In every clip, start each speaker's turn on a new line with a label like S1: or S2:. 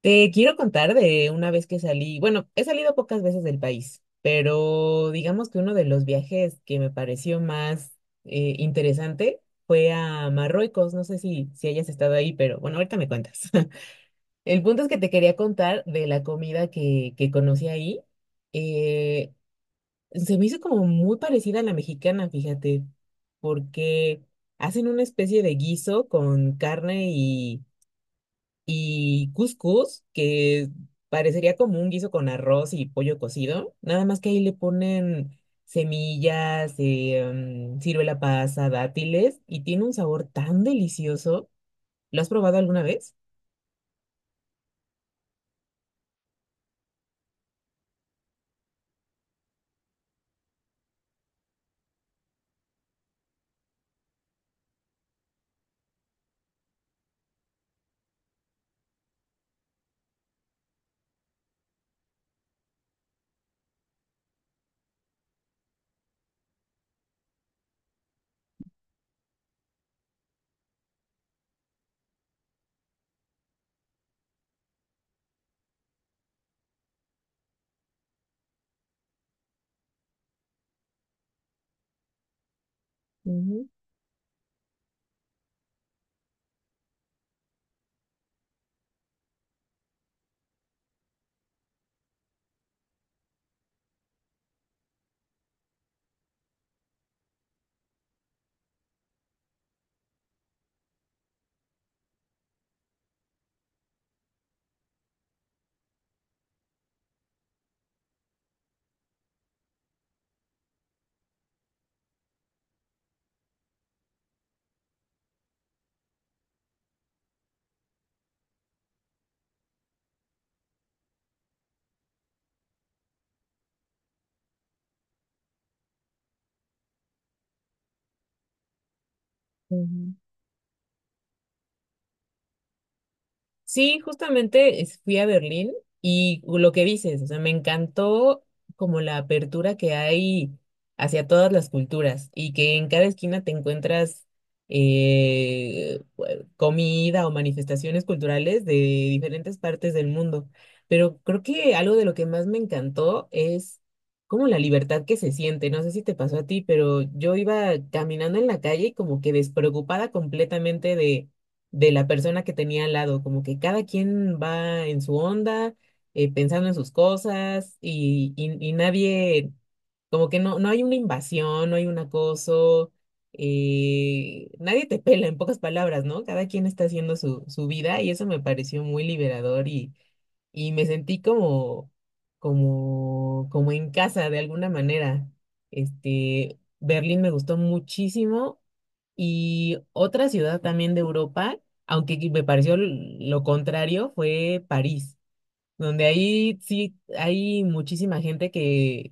S1: Te quiero contar de una vez que salí, bueno, he salido pocas veces del país, pero digamos que uno de los viajes que me pareció más interesante fue a Marruecos, no sé si hayas estado ahí, pero bueno, ahorita me cuentas. El punto es que te quería contar de la comida que conocí ahí. Eh, Se me hizo como muy parecida a la mexicana, fíjate, porque hacen una especie de guiso con carne y couscous, que parecería como un guiso con arroz y pollo cocido, nada más que ahí le ponen semillas, ciruela pasa, dátiles, y tiene un sabor tan delicioso. ¿Lo has probado alguna vez? Ujú, ujú. Sí, justamente fui a Berlín y lo que dices, o sea, me encantó como la apertura que hay hacia todas las culturas y que en cada esquina te encuentras eh, comida o manifestaciones culturales de diferentes partes del mundo. Pero creo que algo de lo que más me encantó es como la libertad que se siente. No sé si te pasó a ti, pero yo iba caminando en la calle y como que despreocupada completamente de la persona que tenía al lado, como que cada quien va en su onda, pensando en sus cosas y nadie, como que no, no hay una invasión, no hay un acoso, nadie te pela, en pocas palabras, ¿no? Cada quien está haciendo su vida y eso me pareció muy liberador y me sentí como en casa de alguna manera. Este, Berlín me gustó muchísimo y otra ciudad también de Europa, aunque que me pareció lo contrario, fue París, donde ahí sí hay muchísima gente que,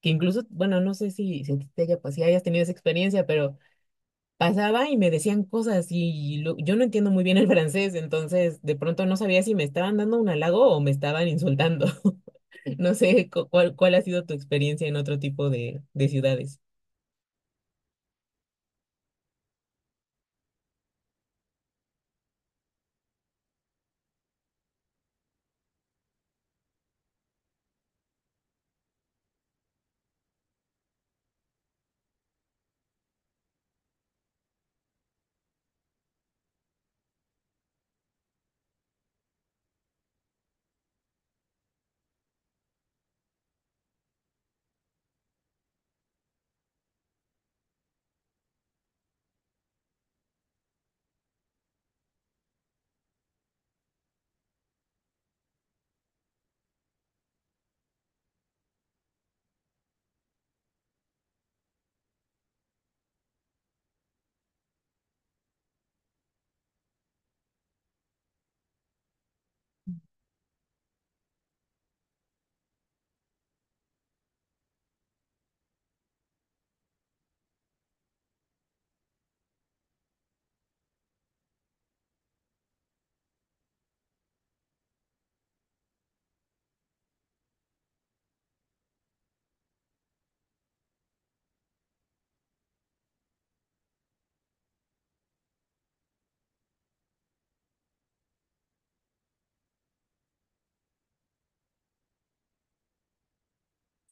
S1: que incluso, bueno, no sé si a ti te haya, si hayas tenido esa experiencia, pero pasaba y me decían cosas y yo no entiendo muy bien el francés, entonces de pronto no sabía si me estaban dando un halago o me estaban insultando. No sé cuál ha sido tu experiencia en otro tipo de ciudades.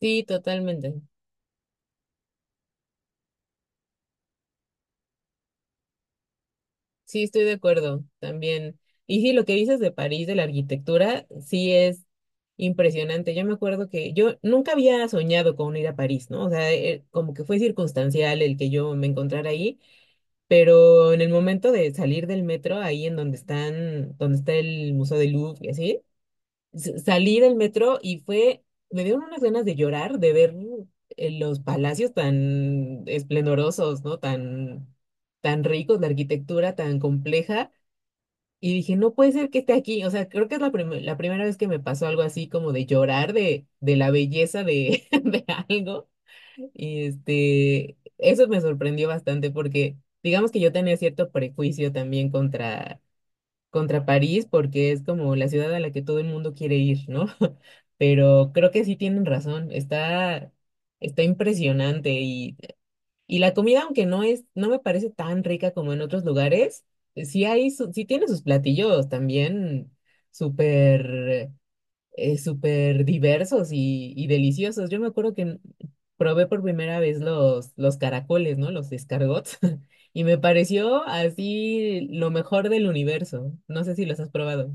S1: Sí, totalmente. Sí, estoy de acuerdo también. Y sí, lo que dices de París, de la arquitectura, sí es impresionante. Yo me acuerdo que yo nunca había soñado con ir a París, ¿no? O sea, como que fue circunstancial el que yo me encontrara ahí, pero en el momento de salir del metro, ahí en donde están, donde está el Museo del Louvre y así, salí del metro y fue, me dieron unas ganas de llorar, de ver los palacios tan esplendorosos, ¿no? Tan ricos, la arquitectura tan compleja. Y dije, no puede ser que esté aquí. O sea, creo que es la primera vez que me pasó algo así como de llorar de la belleza de, de algo. Y este, eso me sorprendió bastante porque digamos que yo tenía cierto prejuicio también contra París porque es como la ciudad a la que todo el mundo quiere ir, ¿no? Pero creo que sí tienen razón. Está impresionante y la comida, aunque no es, no me parece tan rica como en otros lugares, sí hay, sí tiene sus platillos también súper, súper diversos y deliciosos. Yo me acuerdo que probé por primera vez los caracoles, ¿no? Los escargots. Y me pareció así lo mejor del universo. No sé si los has probado.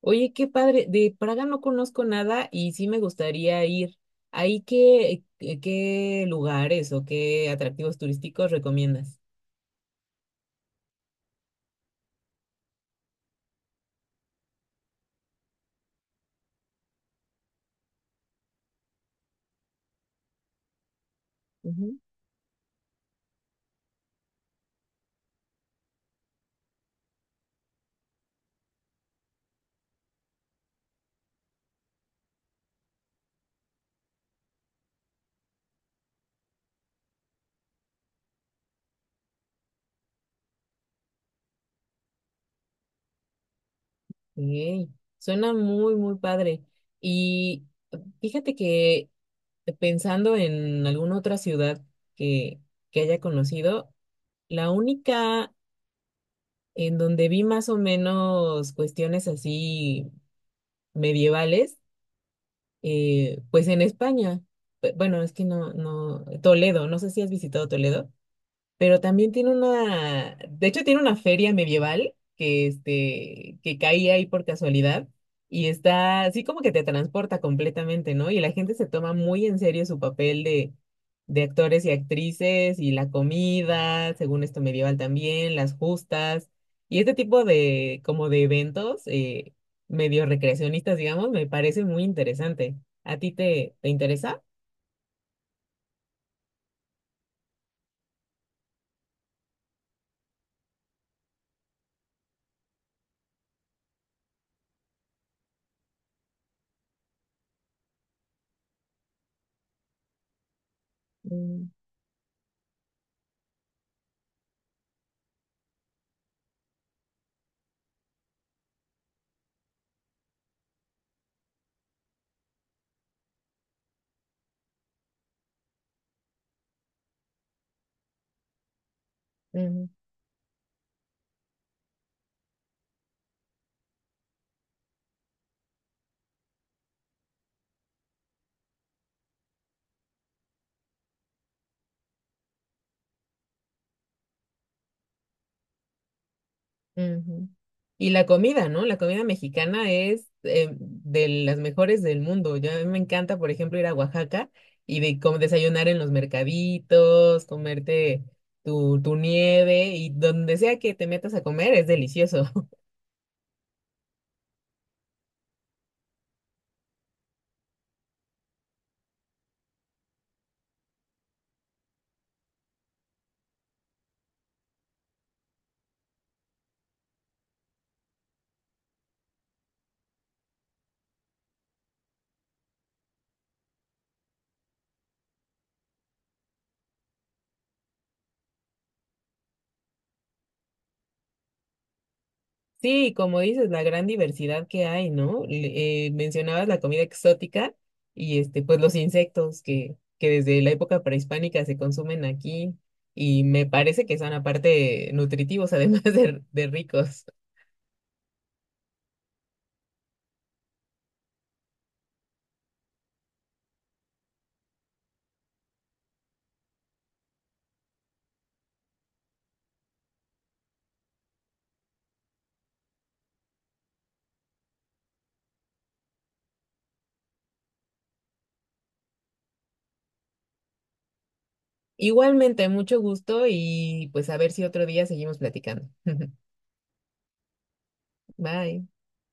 S1: Oye, qué padre. De Praga no conozco nada y sí me gustaría ir. ¿Ahí qué lugares o qué atractivos turísticos recomiendas? Ujú. Ok, suena muy padre. Y fíjate que pensando en alguna otra ciudad que, que haya conocido, la única en donde vi más o menos cuestiones así medievales pues en España. Bueno, es que Toledo, no sé si has visitado Toledo pero también tiene una, de hecho tiene una feria medieval que, este, que caía ahí por casualidad y está así como que te transporta completamente, ¿no? Y la gente se toma muy en serio su papel de actores y actrices y la comida, según esto medieval también, las justas y este tipo de, como de eventos medio recreacionistas, digamos, me parece muy interesante. ¿A ti te interesa? Mm, ujú. Ujú. Y la comida, ¿no? La comida mexicana es de las mejores del mundo. Yo, a mí me encanta, por ejemplo, ir a Oaxaca y como desayunar en los mercaditos, comerte tu nieve y donde sea que te metas a comer es delicioso. Sí, como dices, la gran diversidad que hay, ¿no? Mencionabas la comida exótica y este, pues los insectos que desde la época prehispánica se consumen aquí y me parece que son aparte nutritivos, además de ricos. Igualmente, mucho gusto y pues a ver si otro día seguimos platicando. Bye.